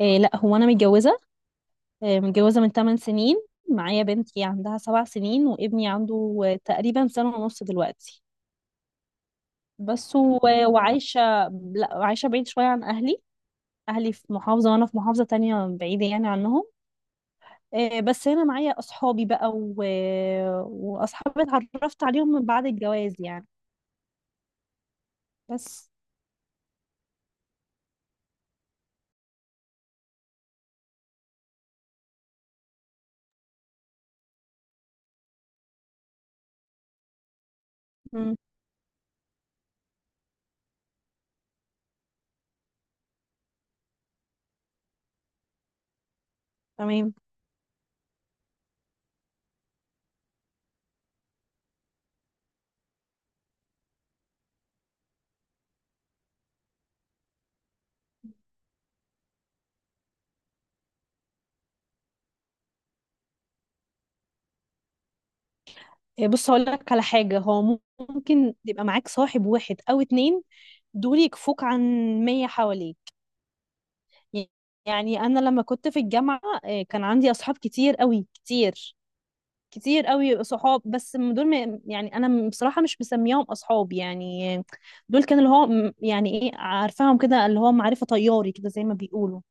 إيه، لا، هو انا متجوزه. إيه، متجوزه من 8 سنين. معايا بنتي عندها 7 سنين وابني عنده تقريبا سنه ونص دلوقتي. بس وعايشه. لا، عايشه بعيد شويه عن اهلي. اهلي في محافظه وانا في محافظه تانية بعيده يعني عنهم. إيه بس هنا معايا اصحابي بقى واصحابي اتعرفت عليهم من بعد الجواز يعني. بس. مم. تمام. إيه بص هقول لك على حاجه. هو ممكن يبقى معاك صاحب واحد او اتنين. دول يكفوك عن 100 حواليك. يعني انا لما كنت في الجامعه كان عندي اصحاب كتير قوي كتير. كتير قوي صحاب بس دول يعني انا بصراحه مش مسميهم اصحاب يعني. دول كان اللي هو يعني ايه عارفاهم كده اللي هو معرفه طياري كده زي ما بيقولوا.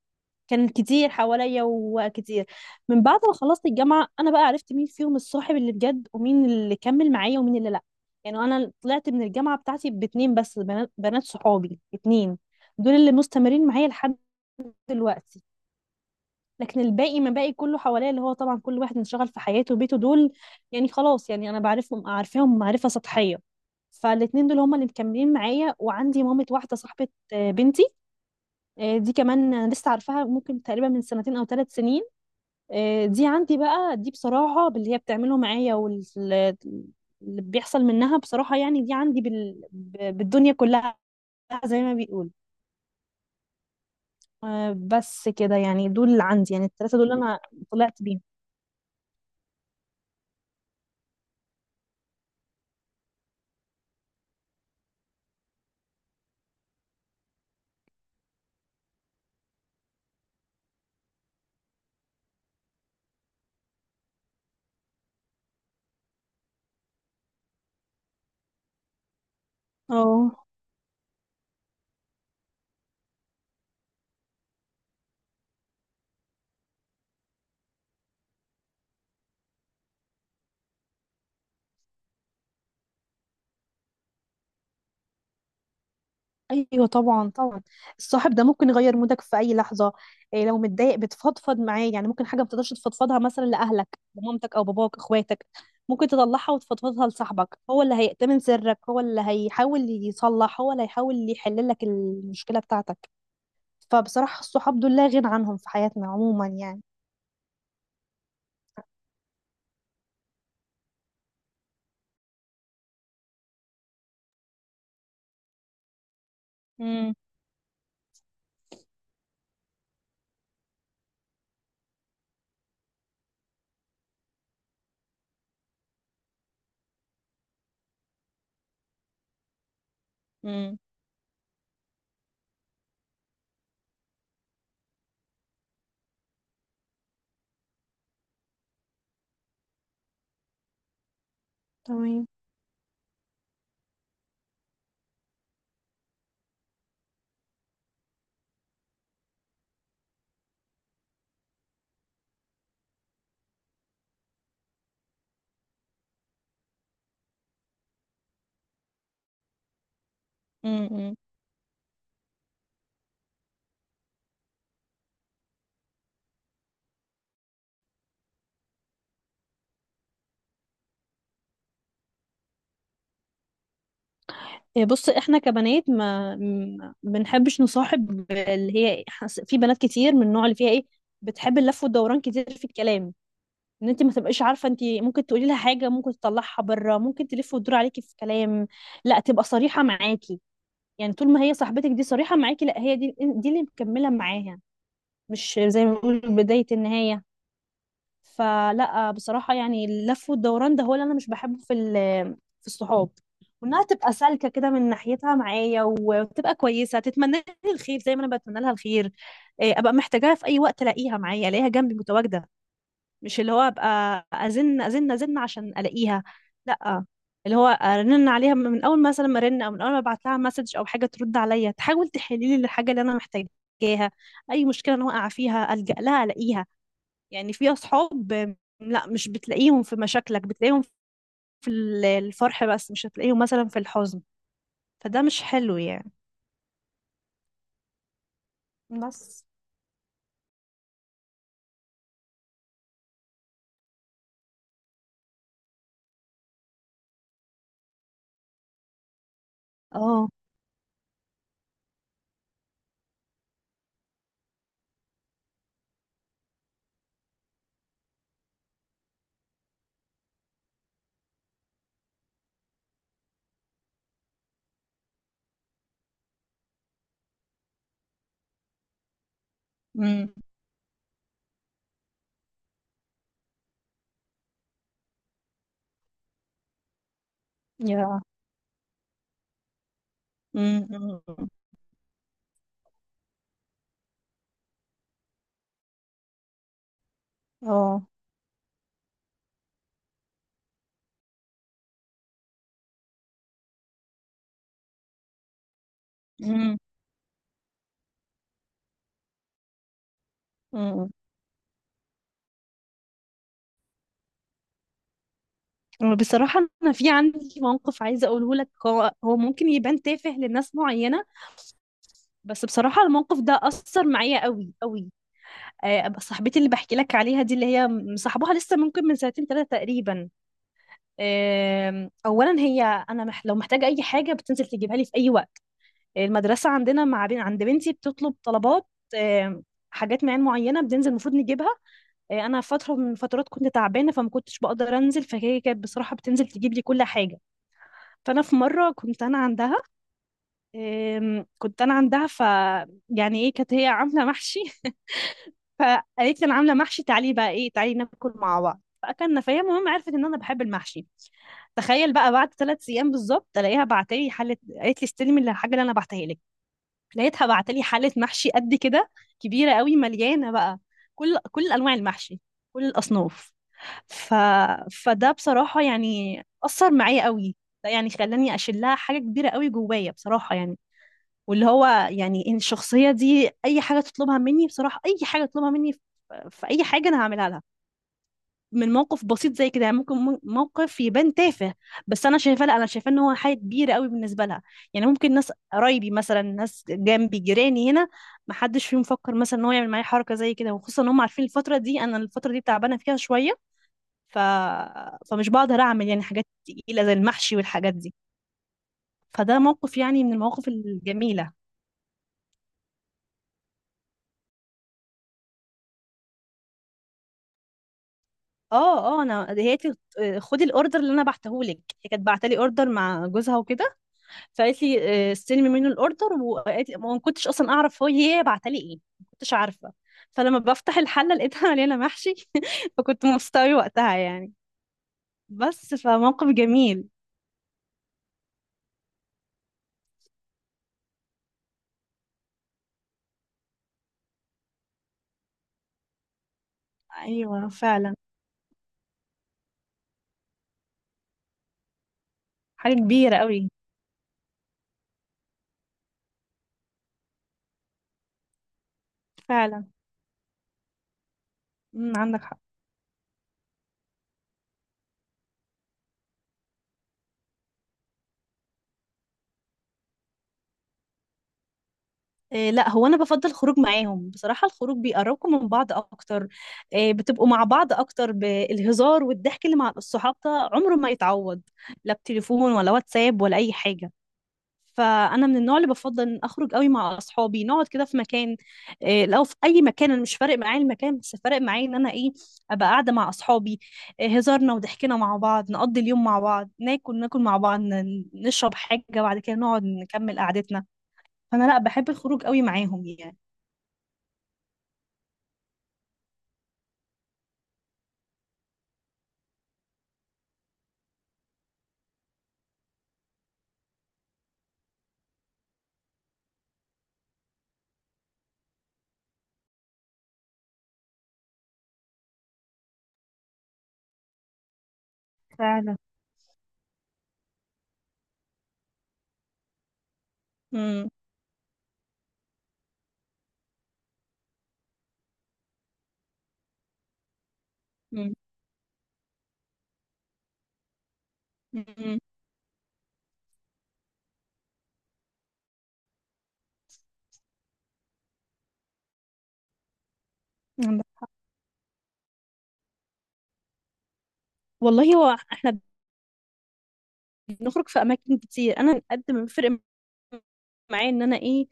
كان كتير حواليا وكتير. من بعد ما خلصت الجامعه انا بقى عرفت مين فيهم الصاحب اللي بجد ومين اللي كمل معايا ومين اللي لا. يعني انا طلعت من الجامعه بتاعتي باتنين بس، بنات، بنات صحابي اتنين. دول اللي مستمرين معايا لحد دلوقتي. لكن الباقي، ما باقي كله حواليا، اللي هو طبعا كل واحد منشغل في حياته وبيته. دول يعني خلاص، يعني انا بعرفهم، عارفاهم معرفه سطحيه. فالاتنين دول هما اللي مكملين معايا، وعندي مامة واحده صاحبه بنتي. دي كمان انا لسه عارفاها ممكن تقريبا من سنتين او 3 سنين. دي عندي بقى. دي بصراحه باللي هي بتعمله معايا واللي بيحصل منها بصراحه، يعني دي عندي بالدنيا كلها، زي ما بيقول. بس كده يعني، دول اللي عندي، يعني الثلاثه دول اللي انا طلعت بيهم. اه، ايوه طبعا طبعا. الصاحب ده ممكن يغير مودك في اي لحظه. إيه، لو متضايق بتفضفض معاه، يعني ممكن حاجه ما بتقدرش تفضفضها مثلا لاهلك، لمامتك او باباك، اخواتك، ممكن تطلعها وتفضفضها لصاحبك. هو اللي هيأتمن سرك، هو اللي هيحاول يصلح، هو اللي هيحاول يحل لك المشكله بتاعتك. فبصراحه الصحاب دول لا غنى عنهم في حياتنا عموما يعني. امم. امم. تمام. امم. إيه بص، احنا كبنات ما بنحبش نصاحب اللي هي، إيه، في بنات كتير من النوع اللي فيها ايه، بتحب اللف والدوران كتير في الكلام، ان انت ما تبقيش عارفه. انت ممكن تقولي لها حاجه ممكن تطلعها بره، ممكن تلف وتدور عليكي في كلام، لا تبقى صريحه معاكي. يعني طول ما هي صاحبتك دي صريحه معاكي، لا هي دي اللي مكمله معاها، مش زي ما بنقول بدايه النهايه. فلا بصراحة، يعني اللف والدوران ده هو اللي أنا مش بحبه في في الصحاب. وإنها تبقى سالكة كده من ناحيتها معايا، وتبقى كويسة، تتمنى لي الخير زي ما أنا بتمنى لها الخير. إيه، أبقى محتاجاها في أي وقت ألاقيها معايا، ألاقيها جنبي متواجدة. مش اللي هو أبقى أزن عشان ألاقيها. لا، اللي هو ارن عليها من اول مثلا ما ارن، او من اول ما ابعت لها مسج او حاجه ترد عليا، تحاول تحل لي الحاجه اللي انا محتاجاها. اي مشكله انا واقعه فيها الجا لها الاقيها. يعني في أصحاب لا مش بتلاقيهم في مشاكلك، بتلاقيهم في الفرح بس، مش هتلاقيهم مثلا في الحزن، فده مش حلو يعني. بس. اه. امم. يا. امم. أمم. إمم. اه. امم. أمم. إمم. بصراحة أنا في عندي موقف عايزة أقوله لك. هو ممكن يبان تافه لناس معينة، بس بصراحة الموقف ده أثر معايا قوي قوي. صاحبتي اللي بحكي لك عليها دي، اللي هي مصاحبها لسه ممكن من سنتين ثلاثة تقريبا. اولا هي انا لو محتاجه اي حاجه بتنزل تجيبها لي في اي وقت. المدرسه عندنا مع بين عند بنتي بتطلب طلبات. آم، حاجات معينه بننزل المفروض نجيبها. انا فتره من فترات كنت تعبانه، فما كنتش بقدر انزل، فهي كانت بصراحه بتنزل تجيب لي كل حاجه. فانا في مره كنت انا عندها، كنت انا عندها ف يعني ايه، كانت هي عامله محشي فقالت لي انا عامله محشي، تعالي بقى ايه، تعالي ناكل مع بعض. فاكلنا، فهي المهم عرفت ان انا بحب المحشي. تخيل بقى بعد 3 ايام بالظبط الاقيها بعتلي حله. قالت لي استلمي الحاجه اللي انا بعتها لك. لقيتها بعتلي حله محشي قد كده، كبيره قوي، مليانه بقى كل انواع المحشي، كل الاصناف. ف... فده بصراحه يعني اثر معايا قوي. ده يعني خلاني اشيل لها حاجه كبيره قوي جوايا بصراحه، يعني واللي هو يعني ان الشخصيه دي اي حاجه تطلبها مني بصراحه، اي حاجه تطلبها مني في، في اي حاجه انا هعملها لها. من موقف بسيط زي كده يعني ممكن موقف يبان تافه، بس انا شايفاه، لا انا شايفاه ان هو حاجه كبيره قوي بالنسبه لها. يعني ممكن ناس قرايبي، مثلا ناس جنبي، جيراني هنا، ما حدش فيهم فكر مثلا ان هو يعمل معايا حركه زي كده، وخصوصا ان هم عارفين الفتره دي انا الفتره دي تعبانه فيها شويه. ف... فمش بقدر اعمل يعني حاجات تقيله زي المحشي والحاجات دي. فده موقف يعني من المواقف الجميله. اه، اه انا هي قالت لي خدي الاوردر اللي انا بعتهولك. هي كانت بعتلي اوردر مع جوزها وكده. فقالت لي استلمي منه الاوردر، وما كنتش اصلا اعرف هو هي بعتها لي ايه، ما كنتش عارفه. فلما بفتح الحله لقيتها مليانه محشي فكنت مبسوطه قوي وقتها يعني. بس فموقف جميل. ايوه فعلا. حاجه كبيره قوي. فعلا. امم، عندك حق. إيه لا هو انا بفضل الخروج معاهم بصراحه، الخروج بيقربكم من بعض اكتر. إيه بتبقوا مع بعض اكتر، بالهزار والضحك اللي مع الصحاب ده عمره ما يتعوض، لا بتليفون ولا واتساب ولا اي حاجه. فانا من النوع اللي بفضل ان اخرج قوي مع اصحابي، نقعد كده في مكان. لو في اي مكان، انا مش فارق معايا المكان، بس فارق معايا ان انا ايه، ابقى قاعده مع اصحابي. هزارنا وضحكنا مع بعض، نقضي اليوم مع بعض، ناكل مع بعض، نشرب حاجه بعد كده، نقعد نكمل قعدتنا. فانا لا بحب الخروج قوي معاهم يعني. فعلا. مم. مم. مم. والله هو احنا بنخرج في اماكن كتير، انا قد ما بيفرق معايا ان انا ايه،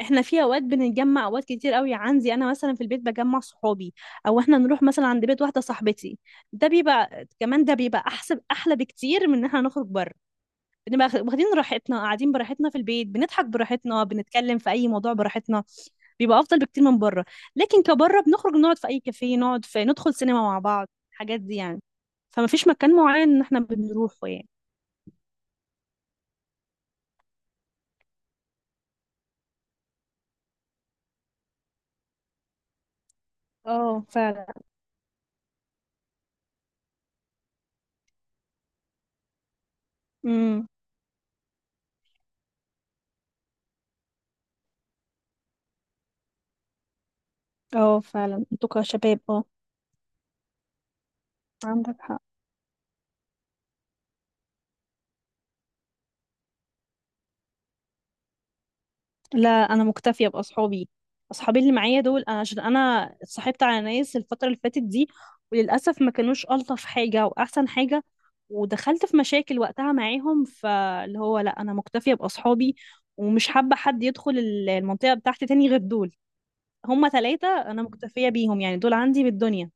احنا في اوقات بنتجمع اوقات كتير قوي عندي انا مثلا في البيت بجمع صحابي، او احنا نروح مثلا عند بيت واحده صاحبتي. ده بيبقى كمان، ده بيبقى احسن، احلى بكتير من ان احنا نخرج بره. بنبقى واخدين راحتنا، قاعدين براحتنا في البيت، بنضحك براحتنا، بنتكلم في اي موضوع براحتنا، بيبقى افضل بكتير من بره. لكن كبره بنخرج نقعد في اي كافيه، نقعد في، ندخل سينما مع بعض، الحاجات دي يعني. فما فيش مكان معين ان احنا بنروحه يعني. اه فعلا. امم. اه فعلا، انتوا كشباب اه. عندك حق. لا انا مكتفيه باصحابي. اصحابي اللي معايا دول، انا عشان انا اتصاحبت على ناس الفتره اللي فاتت دي، وللاسف ما كانوش الطف حاجه واحسن حاجه، ودخلت في مشاكل وقتها معاهم. فاللي هو لا، انا مكتفيه باصحابي، ومش حابه حد يدخل المنطقه بتاعتي تاني غير دول. هما ثلاثه انا مكتفيه بيهم يعني، دول عندي بالدنيا.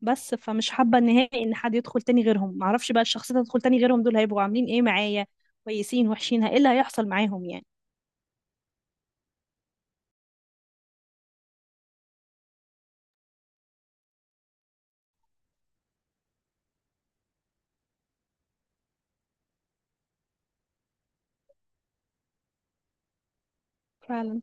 بس فمش حابه نهائي ان حد يدخل تاني غيرهم، معرفش بقى الشخصيه اللي تدخل تاني غيرهم دول هيبقوا عاملين ايه معايا، كويسين وحشين، ايه اللي هيحصل معاهم يعني. فعلا.